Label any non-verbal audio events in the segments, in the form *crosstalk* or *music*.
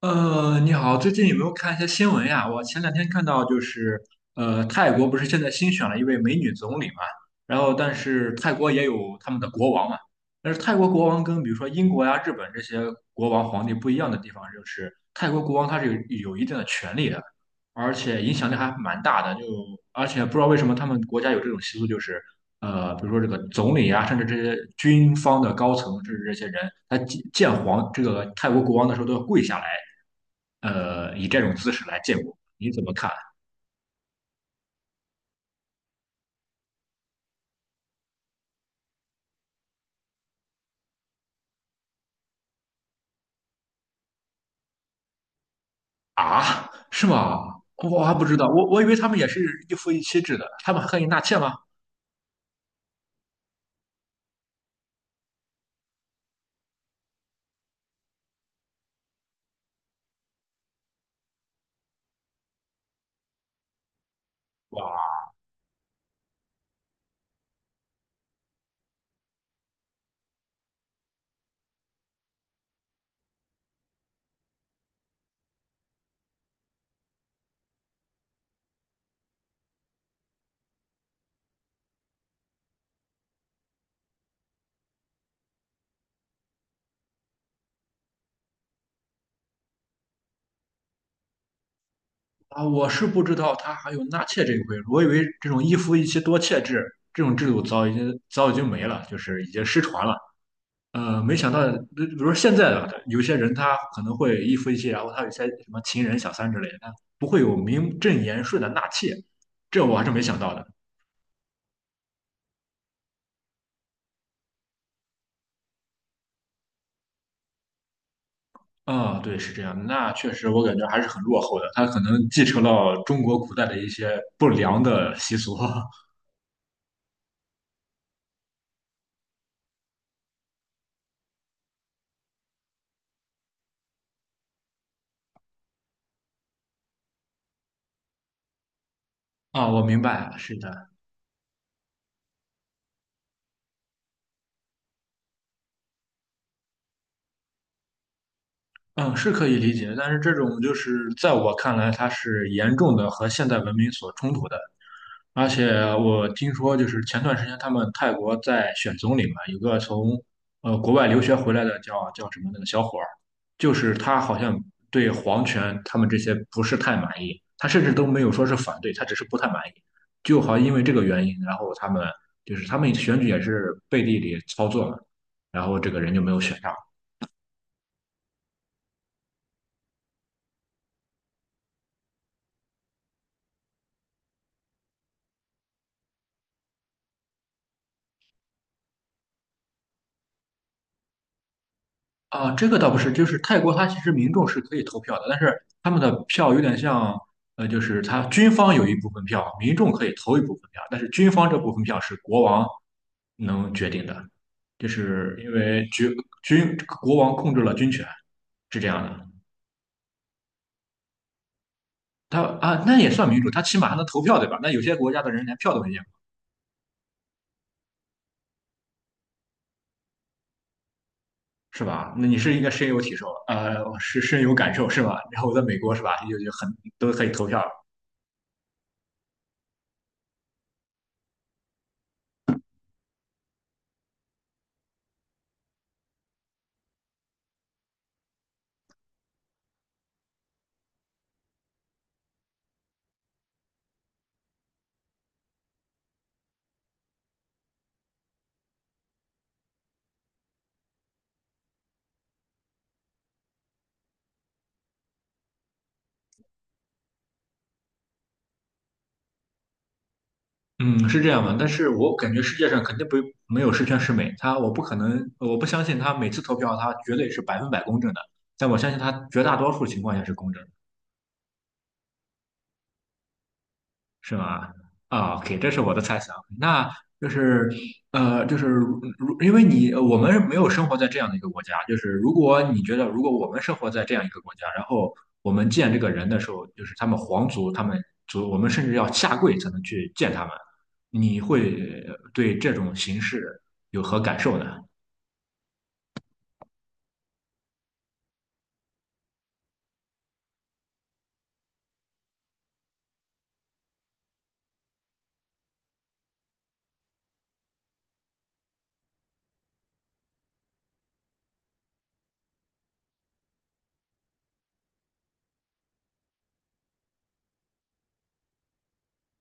你好，最近有没有看一些新闻呀？我前2天看到就是，泰国不是现在新选了一位美女总理嘛。然后但是泰国也有他们的国王嘛，但是泰国国王跟比如说英国呀、日本这些国王皇帝不一样的地方就是，泰国国王他是有一定的权利的，而且影响力还蛮大的。而且不知道为什么他们国家有这种习俗，就是比如说这个总理啊，甚至这些军方的高层，甚至这些人，他见这个泰国国王的时候都要跪下来。以这种姿势来见我，你怎么看？啊？是吗？我还不知道，我以为他们也是一夫一妻制的，他们还可以纳妾吗？哇啊，我是不知道他还有纳妾这一回，我以为这种一夫一妻多妾制这种制度早已经没了，就是已经失传了。没想到，比如说现在的有些人他可能会一夫一妻，然后他有些什么情人小三之类的，他不会有名正言顺的纳妾，这我还是没想到的。啊、对，是这样的，那确实，我感觉还是很落后的。它可能继承了中国古代的一些不良的习俗。 *laughs* 啊。我明白了，是的。嗯，是可以理解。但是这种就是在我看来，它是严重的和现代文明所冲突的。而且我听说，就是前段时间他们泰国在选总理嘛，有个从国外留学回来的叫什么那个小伙儿，就是他好像对皇权他们这些不是太满意，他甚至都没有说是反对，他只是不太满意。就好像因为这个原因，然后就是他们选举也是背地里操作嘛，然后这个人就没有选上。啊，这个倒不是，就是泰国它其实民众是可以投票的，但是他们的票有点像，就是他军方有一部分票，民众可以投一部分票，但是军方这部分票是国王能决定的，就是因为国王控制了军权，是这样的。他啊，那也算民主，他起码还能投票，对吧？那有些国家的人连票都没见过，是吧？那你是应该深有感受，是吧？然后我在美国，是吧？就很都可以投票。嗯，是这样的。但是我感觉世界上肯定不没有十全十美，我不可能，我不相信他每次投票他绝对是100%公正的，但我相信他绝大多数情况下是公正的。是吗？啊，OK，这是我的猜想。那就是就是因为我们没有生活在这样的一个国家，就是如果你觉得如果我们生活在这样一个国家，然后我们见这个人的时候，就是他们皇族，他们族，我们甚至要下跪才能去见他们，你会对这种形式有何感受呢？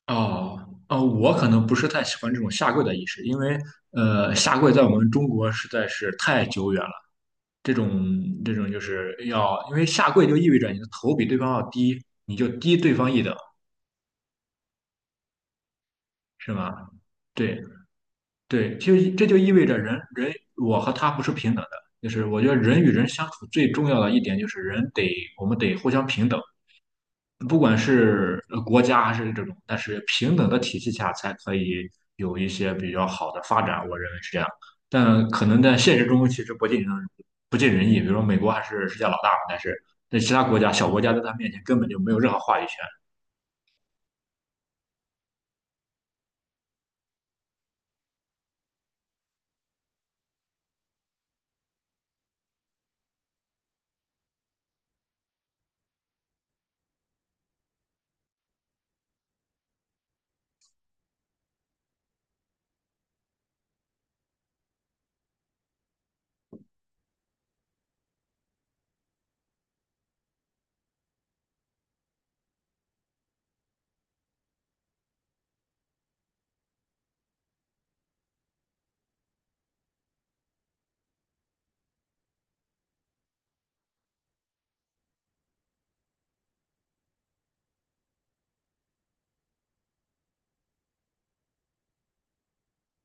哦，我可能不是太喜欢这种下跪的仪式，因为下跪在我们中国实在是太久远了。这种这种就是要，因为下跪就意味着你的头比对方要低，你就低对方一等，是吗？对对，其实这就意味着我和他不是平等的，就是我觉得人与人相处最重要的一点就是我们得互相平等，不管是国家还是这种。但是平等的体系下才可以有一些比较好的发展，我认为是这样。但可能在现实中其实不尽人意，比如说美国还是世界老大嘛，但是在其他国家小国家在他面前根本就没有任何话语权。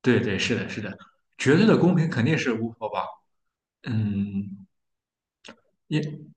对对，是的，是的，绝对的公平肯定是无法吧？嗯。因。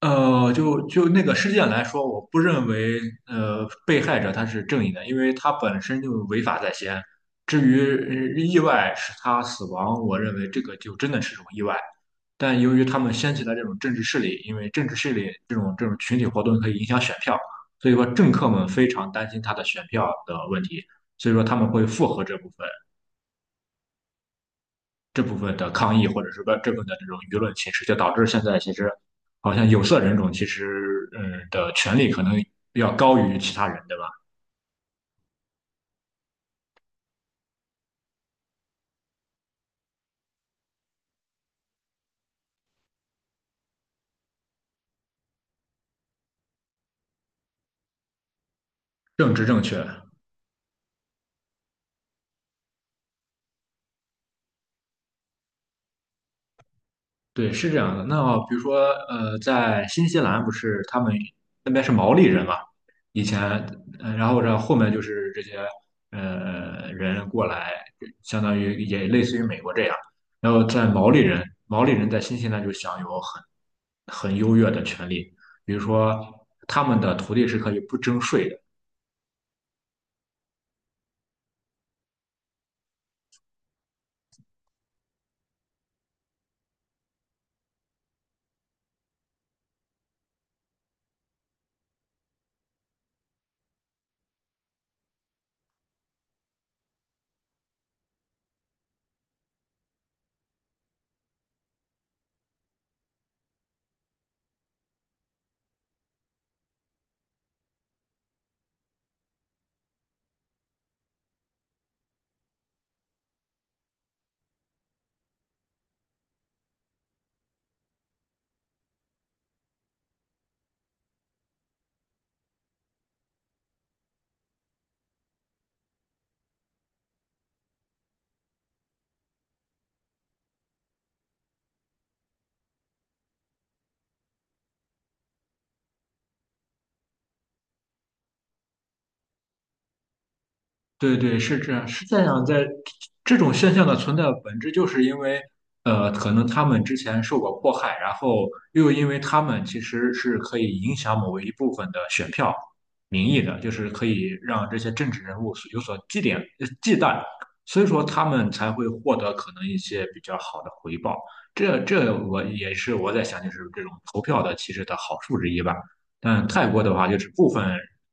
就那个事件来说，我不认为被害者他是正义的，因为他本身就违法在先。至于意外使他死亡，我认为这个就真的是种意外。但由于他们掀起了这种政治势力，因为政治势力这种群体活动可以影响选票，所以说政客们非常担心他的选票的问题，所以说他们会附和这部分。这部分的抗议，或者是说这部分的这种舆论形式，就导致现在其实好像有色人种其实的权利可能要高于其他人，对吧？政治正确，对，是这样的。那比如说，在新西兰不是他们那边是毛利人嘛？以前，然后这后面就是这些人过来，相当于也类似于美国这样。然后在毛利人在新西兰就享有很优越的权利，比如说他们的土地是可以不征税的。对对，是这样，是这样。在这种现象的存在的本质，就是因为，可能他们之前受过迫害，然后又因为他们其实是可以影响某一部分的选票民意的，就是可以让这些政治人物所忌惮，所以说他们才会获得可能一些比较好的回报。这这我也是我在想，就是这种投票的其实的好处之一吧。但泰国的话，就是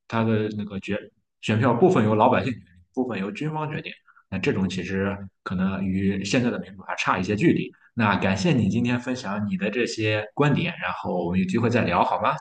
他的那个选票部分由老百姓决定，部分由军方决定。那这种其实可能与现在的民主还差一些距离。那感谢你今天分享你的这些观点，然后我们有机会再聊好吗？